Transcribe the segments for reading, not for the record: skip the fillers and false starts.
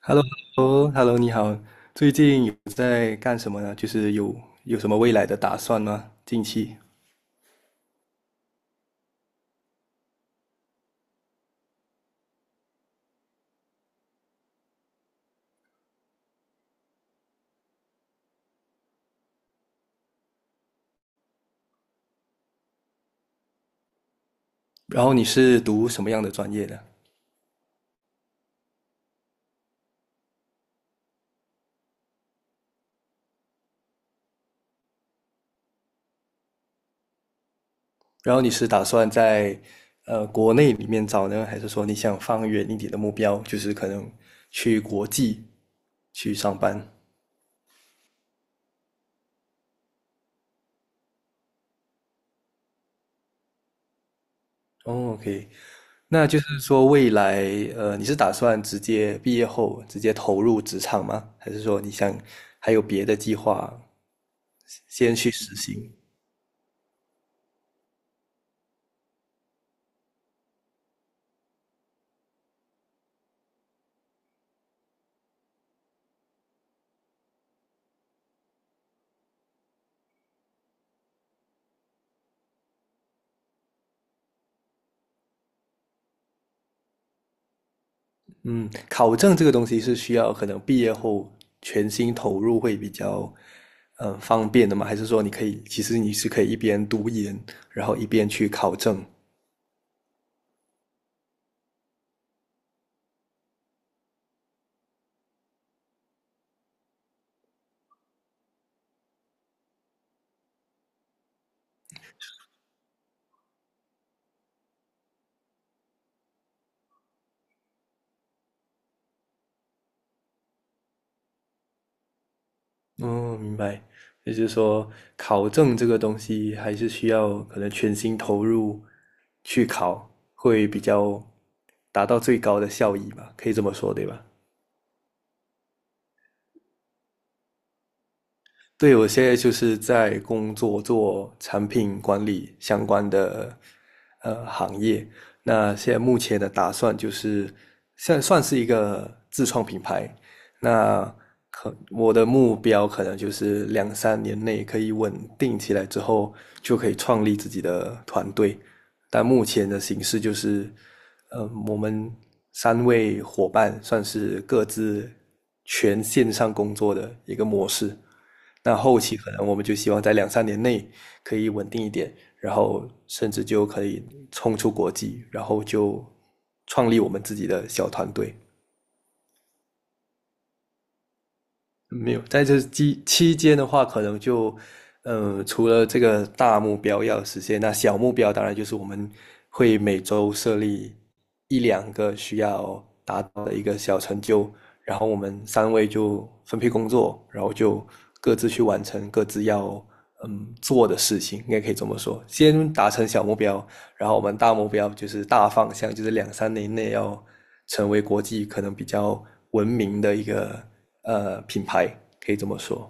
Hello，Hello，你好。最近有在干什么呢？就是有什么未来的打算吗？近期。然后你是读什么样的专业的？然后你是打算在国内里面找呢，还是说你想放远一点的目标，就是可能去国际去上班？哦，OK，那就是说未来你是打算直接毕业后直接投入职场吗？还是说你想还有别的计划先去实行？嗯，考证这个东西是需要可能毕业后全心投入会比较，方便的吗？还是说你可以，其实你是可以一边读研，然后一边去考证？哦，明白。也就是说，考证这个东西还是需要可能全心投入去考，会比较达到最高的效益吧？可以这么说，对吧？对，我现在就是在工作做产品管理相关的行业。那现在目前的打算就是，现在算是一个自创品牌。那可我的目标可能就是两三年内可以稳定起来之后，就可以创立自己的团队。但目前的形式就是，我们三位伙伴算是各自全线上工作的一个模式。那后期可能我们就希望在两三年内可以稳定一点，然后甚至就可以冲出国际，然后就创立我们自己的小团队。没有，在这期间的话，可能就，除了这个大目标要实现，那小目标当然就是我们会每周设立一两个需要达到的一个小成就，然后我们三位就分配工作，然后就各自去完成各自要做的事情，应该可以这么说，先达成小目标，然后我们大目标就是大方向，就是两三年内要成为国际可能比较文明的一个品牌，可以这么说。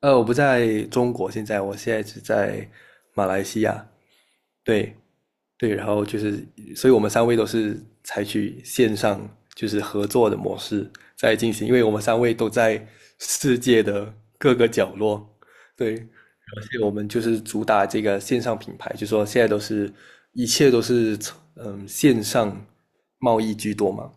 我不在中国，我现在只在马来西亚。对，对，然后就是，所以我们三位都是采取线上就是合作的模式在进行，因为我们三位都在世界的各个角落，对，而且我们就是主打这个线上品牌，就说现在都是一切都是线上贸易居多嘛，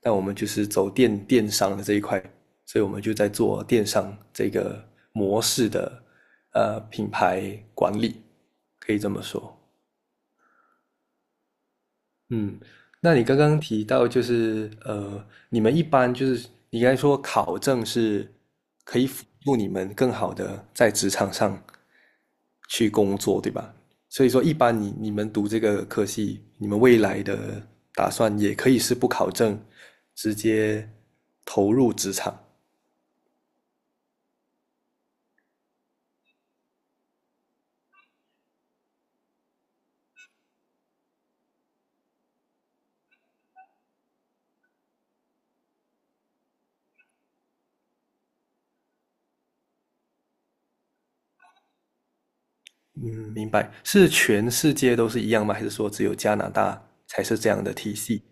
但我们就是走电商的这一块，所以我们就在做电商这个模式的品牌管理，可以这么说。嗯，那你刚刚提到就是你们一般就是你刚才说考证是可以辅助你们更好的在职场上去工作，对吧？所以说，一般你们读这个科系，你们未来的打算也可以是不考证，直接投入职场。嗯，明白。是全世界都是一样吗？还是说只有加拿大才是这样的体系？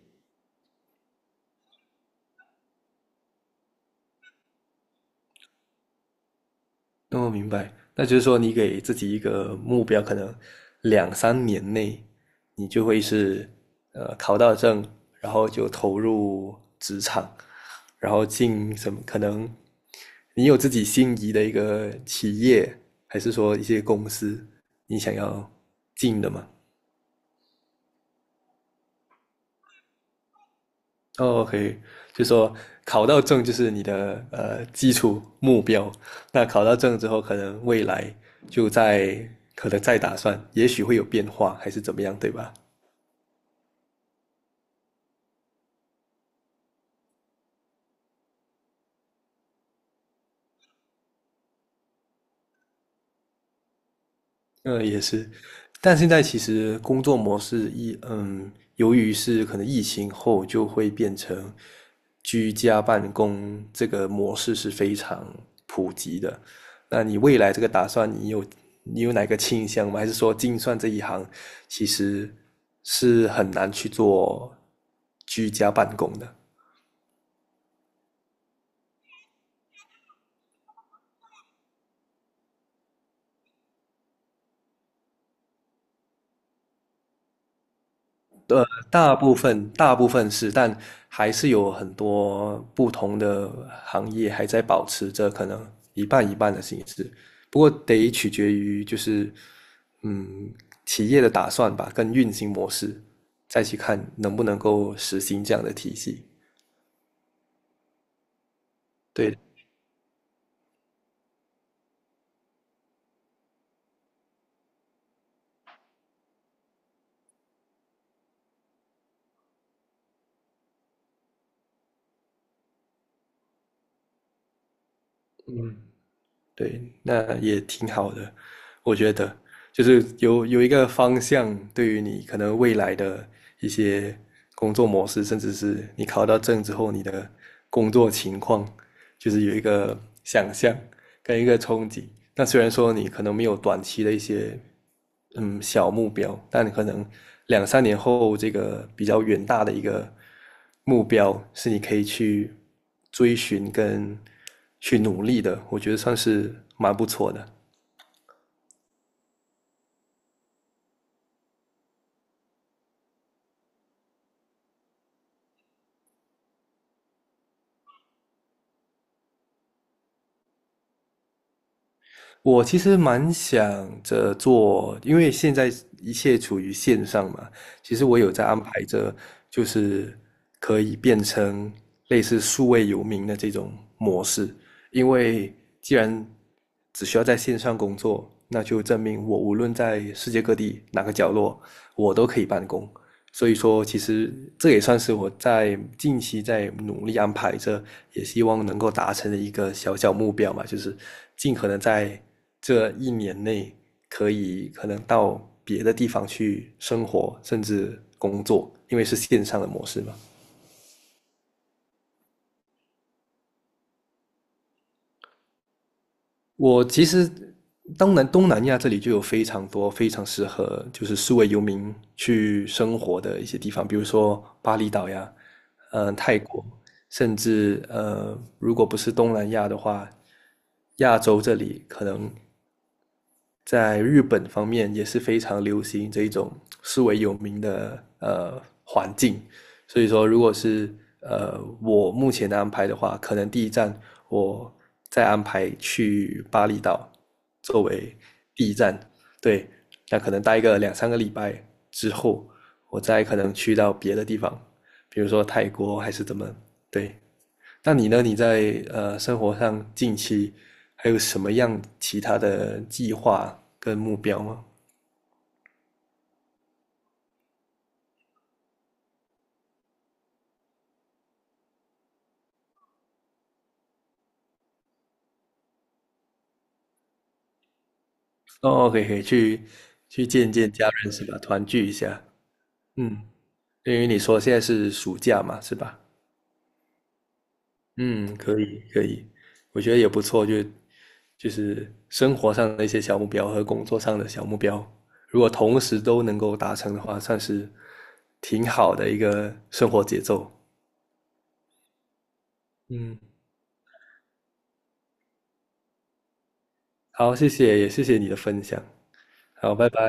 哦，明白。那就是说，你给自己一个目标，可能两三年内，你就会是考到证，然后就投入职场，然后进什么？可能你有自己心仪的一个企业，还是说一些公司，你想要进的吗？哦，OK，就说考到证就是你的基础目标。那考到证之后，可能未来就在可能再打算，也许会有变化，还是怎么样，对吧？也是，但现在其实工作模式一，由于是可能疫情后就会变成居家办公这个模式是非常普及的。那你未来这个打算，你有哪个倾向吗？还是说精算这一行其实是很难去做居家办公的？大部分是，但还是有很多不同的行业还在保持着可能一半一半的形式，不过得取决于就是嗯企业的打算吧，跟运行模式，再去看能不能够实行这样的体系。对，嗯，对，那也挺好的，我觉得，就是有一个方向，对于你可能未来的一些工作模式，甚至是你考到证之后你的工作情况，就是有一个想象。跟一个冲击。那虽然说你可能没有短期的一些小目标，但你可能两三年后这个比较远大的一个目标是你可以去追寻跟去努力的，我觉得算是蛮不错的。我其实蛮想着做，因为现在一切处于线上嘛，其实我有在安排着，就是可以变成类似数位游民的这种模式，因为既然只需要在线上工作，那就证明我无论在世界各地哪个角落，我都可以办公。所以说，其实这也算是我在近期在努力安排着，也希望能够达成的一个小小目标嘛，就是尽可能在这一年内可以可能到别的地方去生活，甚至工作，因为是线上的模式嘛。我其实东南亚这里就有非常多非常适合就是数位游民去生活的一些地方，比如说巴厘岛呀，泰国，甚至如果不是东南亚的话，亚洲这里可能在日本方面也是非常流行这一种数位游民的环境。所以说，如果是我目前的安排的话，可能第一站我再安排去巴厘岛作为第一站，对，那可能待个两三个礼拜之后，我再可能去到别的地方，比如说泰国还是怎么，对。那你呢？你在生活上近期还有什么样其他的计划跟目标吗？哦，可以可以去去见见家人是吧？团聚一下，嗯。因为你说现在是暑假嘛，是吧？嗯，可以可以，我觉得也不错，就是生活上的一些小目标和工作上的小目标，如果同时都能够达成的话，算是挺好的一个生活节奏。嗯，好，谢谢，也谢谢你的分享。好，拜拜。